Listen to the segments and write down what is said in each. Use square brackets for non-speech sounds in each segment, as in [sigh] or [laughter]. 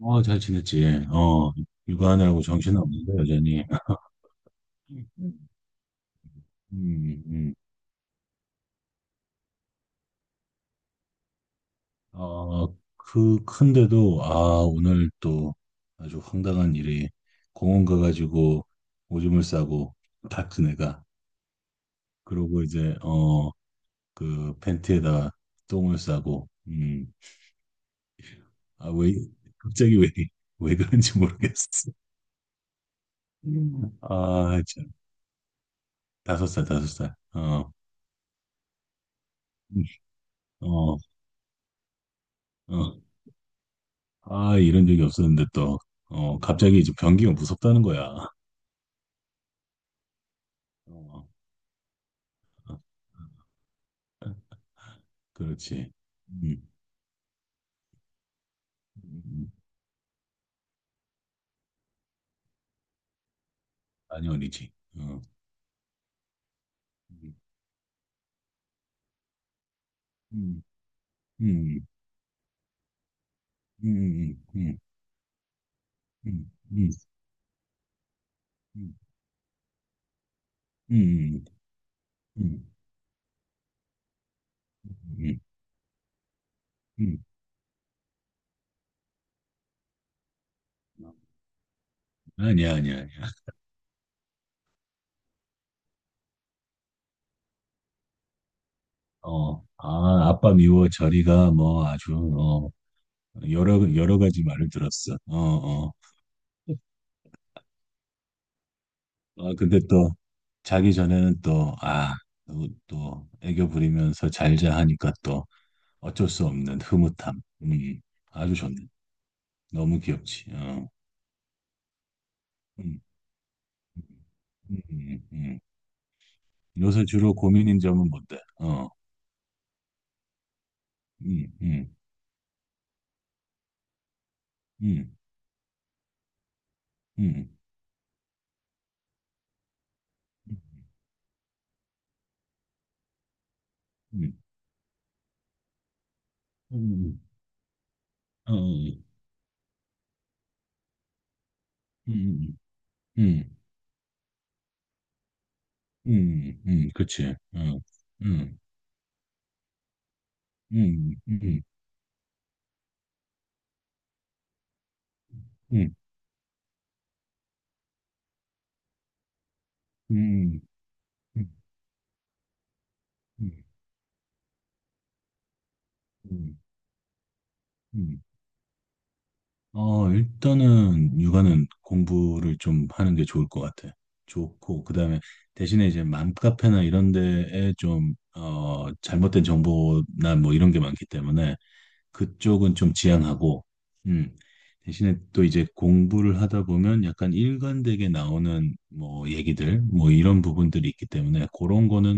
어, 잘 지냈지. 어, 육아하느라고 정신없는데, 여전히. 음, 음. 어, 그, 큰데도, 아, 오늘 또 아주 황당한 일이 공원 가가지고 오줌을 싸고, 다 큰 애가. 그러고 이제, 어, 그 팬티에다가 똥을 싸고, 아, 왜, 갑자기 왜, 왜 그런지 모르겠어. 음. 아, 참. 다섯 살, 다섯 살. 어, 음, 어, 어. 아, 이런 적이 없었는데 또, 어, 갑자기 이제 변기가 무섭다는 거야. 어, 어, 그렇지. 음, 음, 음. 아니, 어리지. 어. 음, 음, 음, 음, 음, 음, 음, 음, 음, 음, 음, 음. 음, 음, 음. 아니야, 아니야, 아니야. 어, 아, 아빠 미워 저리가 뭐 아주, 어, 여러 가지 말을 들었어. 어, 어. 아, 근데 또 자기 전에는 또, 아, 또, 또 애교 부리면서 잘자 하니까 또 어쩔 수 없는 흐뭇함. 아주 좋네. 너무 귀엽지. 어. 음, 음, 음. 요새 주로 고민인 점은 뭔데? 어, 음, 음, 음, 음, 음, 음, 음, 음, 어, 음, 음, 그치. 어, 음, 음, 음, 음, 음, 음, 음, 음, 음, 음, 어, 일단은 육아는 공부를 좀 하는 게 좋을 것 같아. 좋고, 그 다음에 대신에 이제 맘카페나 이런 데에 좀, 어, 잘못된 정보나 뭐 이런 게 많기 때문에 그쪽은 좀 지양하고, 음, 대신에 또 이제 공부를 하다 보면 약간 일관되게 나오는 뭐 얘기들, 뭐 이런 부분들이 있기 때문에 그런 거는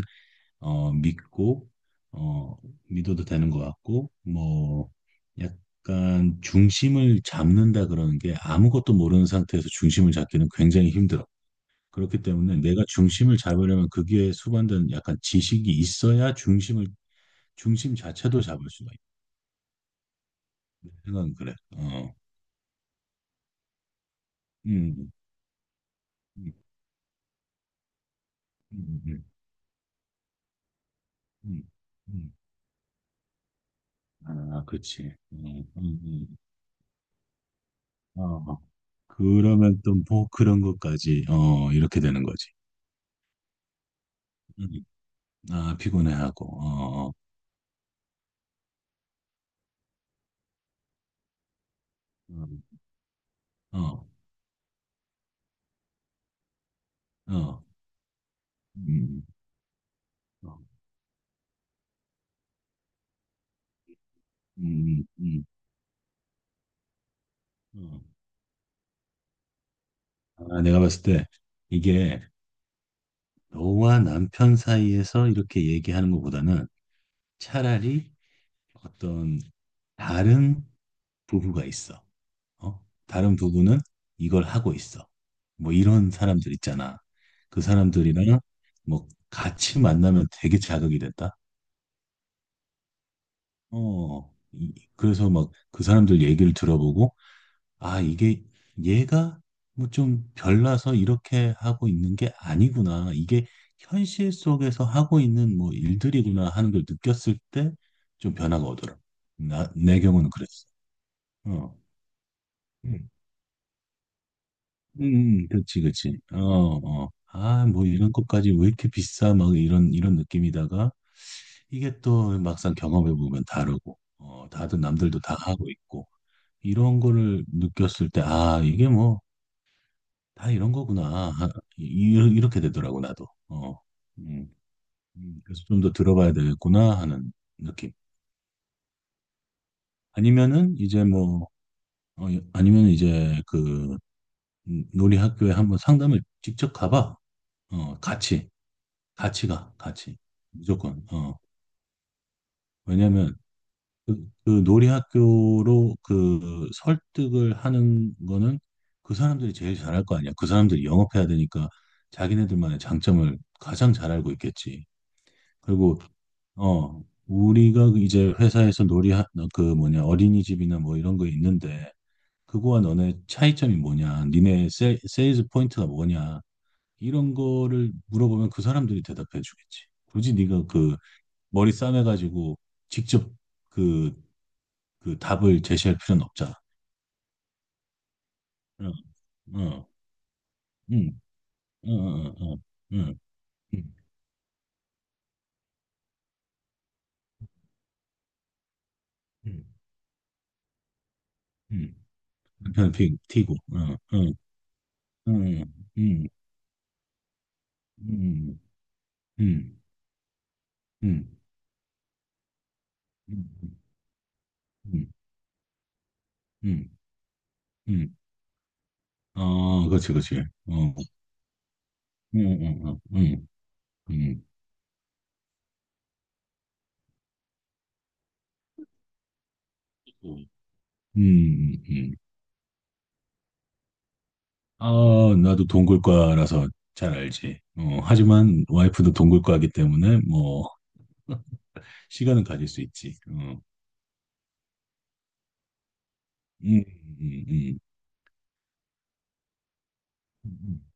어, 믿고, 어, 믿어도 되는 것 같고, 뭐, 약간 중심을 잡는다 그러는 게 아무것도 모르는 상태에서 중심을 잡기는 굉장히 힘들어. 그렇기 때문에 내가 중심을 잡으려면 그게 수반된 약간 지식이 있어야 중심 자체도 잡을 수가 있다. 생각은 그래. 어, 음, 음, 음, 음, 음, 음. 음. 아, 그렇지. 어, 그러면 또 뭐 그런 것까지, 어, 이렇게 되는 거지. 음. 아, 피곤해하고, 어 어, 어, 어, 어, 음, 어, 음, 음. 음, 어 아, 내가 봤을 때 이게 너와 남편 사이에서 이렇게 얘기하는 것보다는 차라리 어떤 다른 부부가 있어. 어? 다른 부부는 이걸 하고 있어. 뭐 이런 사람들 있잖아. 그 사람들이랑 뭐 같이 만나면 되게 자극이 됐다. 어. 그래서 막 그 사람들 얘기를 들어보고 아, 이게 얘가 뭐 좀 별나서 이렇게 하고 있는 게 아니구나. 이게 현실 속에서 하고 있는 뭐 일들이구나 하는 걸 느꼈을 때 좀 변화가 오더라. 내 경우는 그랬어. 어. 음, 그렇지, 그렇지. 어, 어. 아, 뭐 이런 것까지 왜 이렇게 비싸? 막 이런 느낌이다가 이게 또 막상 경험해 보면 다르고, 어, 다들 남들도 다 하고 있고 이런 거를 느꼈을 때, 아, 이게 뭐 다 이런 거구나. [laughs] 아, 이렇게 되더라고, 나도. 어. 음, 그래서 좀 더 들어봐야 되겠구나 하는 느낌. 아니면은 이제 뭐, 어, 아니면 이제 그 놀이 학교에 한번 상담을 직접 가봐. 어, 같이. 같이 가. 같이. 무조건. 어. 왜냐면 그, 그 놀이 학교로 그 설득을 하는 거는 그 사람들이 제일 잘할 거 아니야. 그 사람들이 영업해야 되니까 자기네들만의 장점을 가장 잘 알고 있겠지. 그리고 어 우리가 그 이제 회사에서 놀이 그 뭐냐 어린이집이나 뭐 이런 거 있는데 그거와 너네 차이점이 뭐냐 니네 세일즈 포인트가 뭐냐 이런 거를 물어보면 그 사람들이 대답해 주겠지 굳이 네가 그 머리 싸매가지고 직접 그 그 답을 제시할 필요는 없잖아. 응, 응, 응, 응, 응, 응, 응, 응, 응, 응. 남편 피 튀고 응, 응, 응, 응, 응, 응, 응. 응. 음, 음, 음, 음. 음. 아, 그렇지, 그렇지. 어, 음, 음, 음, 음, 음, 음. 음, 음. 아, 나도 동굴과라서 잘 알지. 어, 하지만 와이프도 동굴과이기 때문에 뭐 시간은 가질 수 있지. 어, 음, 음, 음.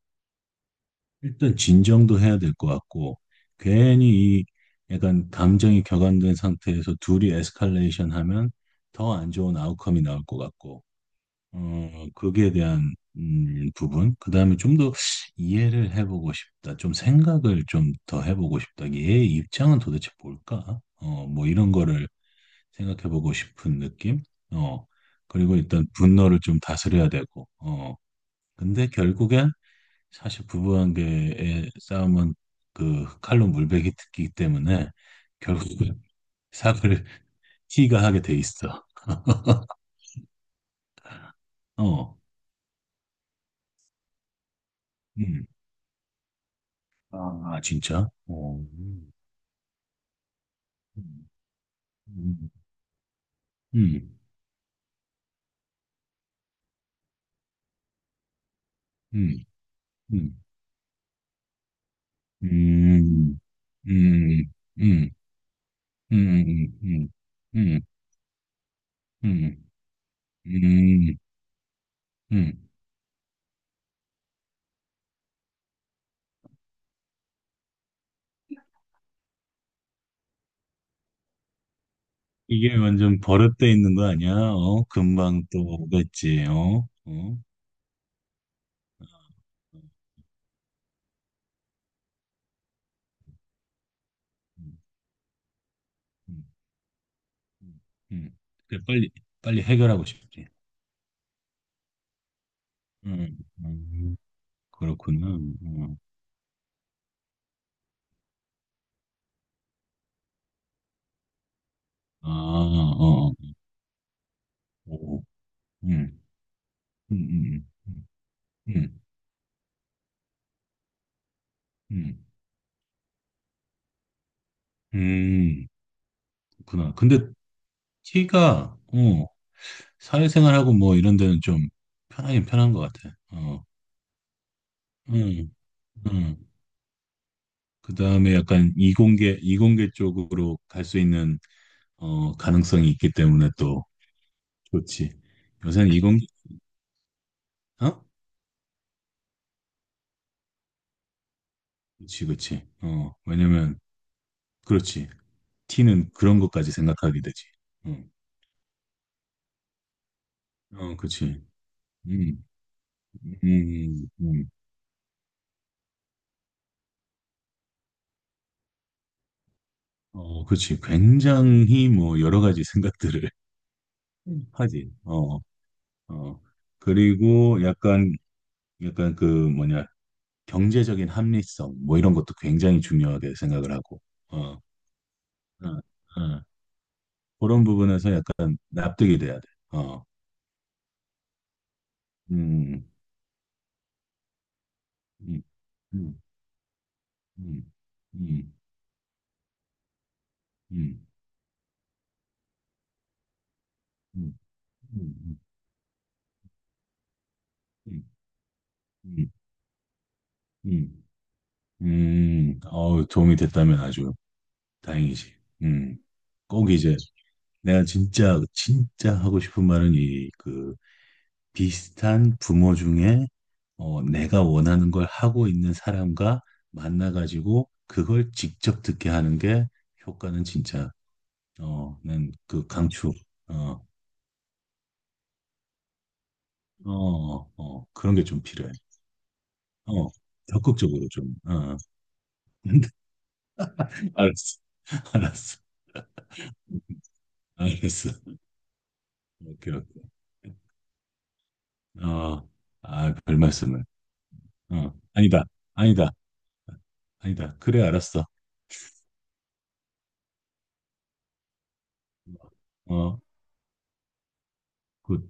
일단 진정도 해야 될 것 같고 괜히 이 약간 감정이 격앙된 상태에서 둘이 에스컬레이션 하면 더 안 좋은 아웃컴이 나올 것 같고. 어, 거기에 대한 부분. 그 다음에 좀 더 이해를 해보고 싶다. 좀 생각을 좀 더 해보고 싶다. 얘의 입장은 도대체 뭘까? 어, 뭐 이런 거를 생각해보고 싶은 느낌? 어, 그리고 일단 분노를 좀 다스려야 되고. 어, 근데 결국엔 사실 부부관계의 싸움은 그 칼로 물베기 듣기 때문에 결국은 [laughs] 삭을 티가 하게 돼 있어. 어, 음. 아, 진짜? 어. 음. 음, 음, 음, 음, 음, 음, 음, 음, 음, 음, 음, 음, 음. 이게 완전 버릇돼 있는 거 아니야? 어? 금방 또 오겠지, 어? 어? 음, 음, 음. 그래, 빨리, 빨리 해결하고 싶지. 음, 음, 그렇구나. 어. 아, 어, 어. 오, 음, 음, 음, 음, 음, 음, 음, 그렇구나. 근데 키가, 어, 사회생활하고 뭐 이런 데는 좀 편하긴 편한 것 같아. 어, 음, 음. 그 다음에 약간 이공계 쪽으로 갈 수 있는, 어, 가능성이 있기 때문에 또 좋지. 요새는 이공계, 어? 그렇지그지 어, 왜냐면, 그렇지. T는 그런 것까지 생각하게 되지. 응. 어, 그지 음, 음, 음. 어, 그지 굉장히 뭐 여러 가지 생각들을 [laughs] 하지. 어, 어, 그리고 약간, 약간 그 뭐냐, 경제적인 합리성, 뭐 이런 것도 굉장히 중요하게 생각을 하고, 어, 어, 어, 그런 부분에서 약간 납득이 돼야 돼. 어, 음, 음, 음, 음, 음, 음, 음, 음, 음, 음, 음, 어 도움이 됐다면 아주 다행이지. 음, 꼭 이제 내가 진짜, 진짜 하고 싶은 말은 이그 비슷한 부모 중에 어, 내가 원하는 걸 하고 있는 사람과 만나가지고 그걸 직접 듣게 하는 게 효과는 진짜 어, 난그 강추. 어, 어, 어, 그런 게 좀 필요해. 어, 적극적으로 좀. 어. [laughs] 알았어, 알았어, 알았어. 오케이, 오케이. 어, 아, 별 말씀을. 어, 아니다, 아니다, 아니다. 그래, 알았어. 어, 굿.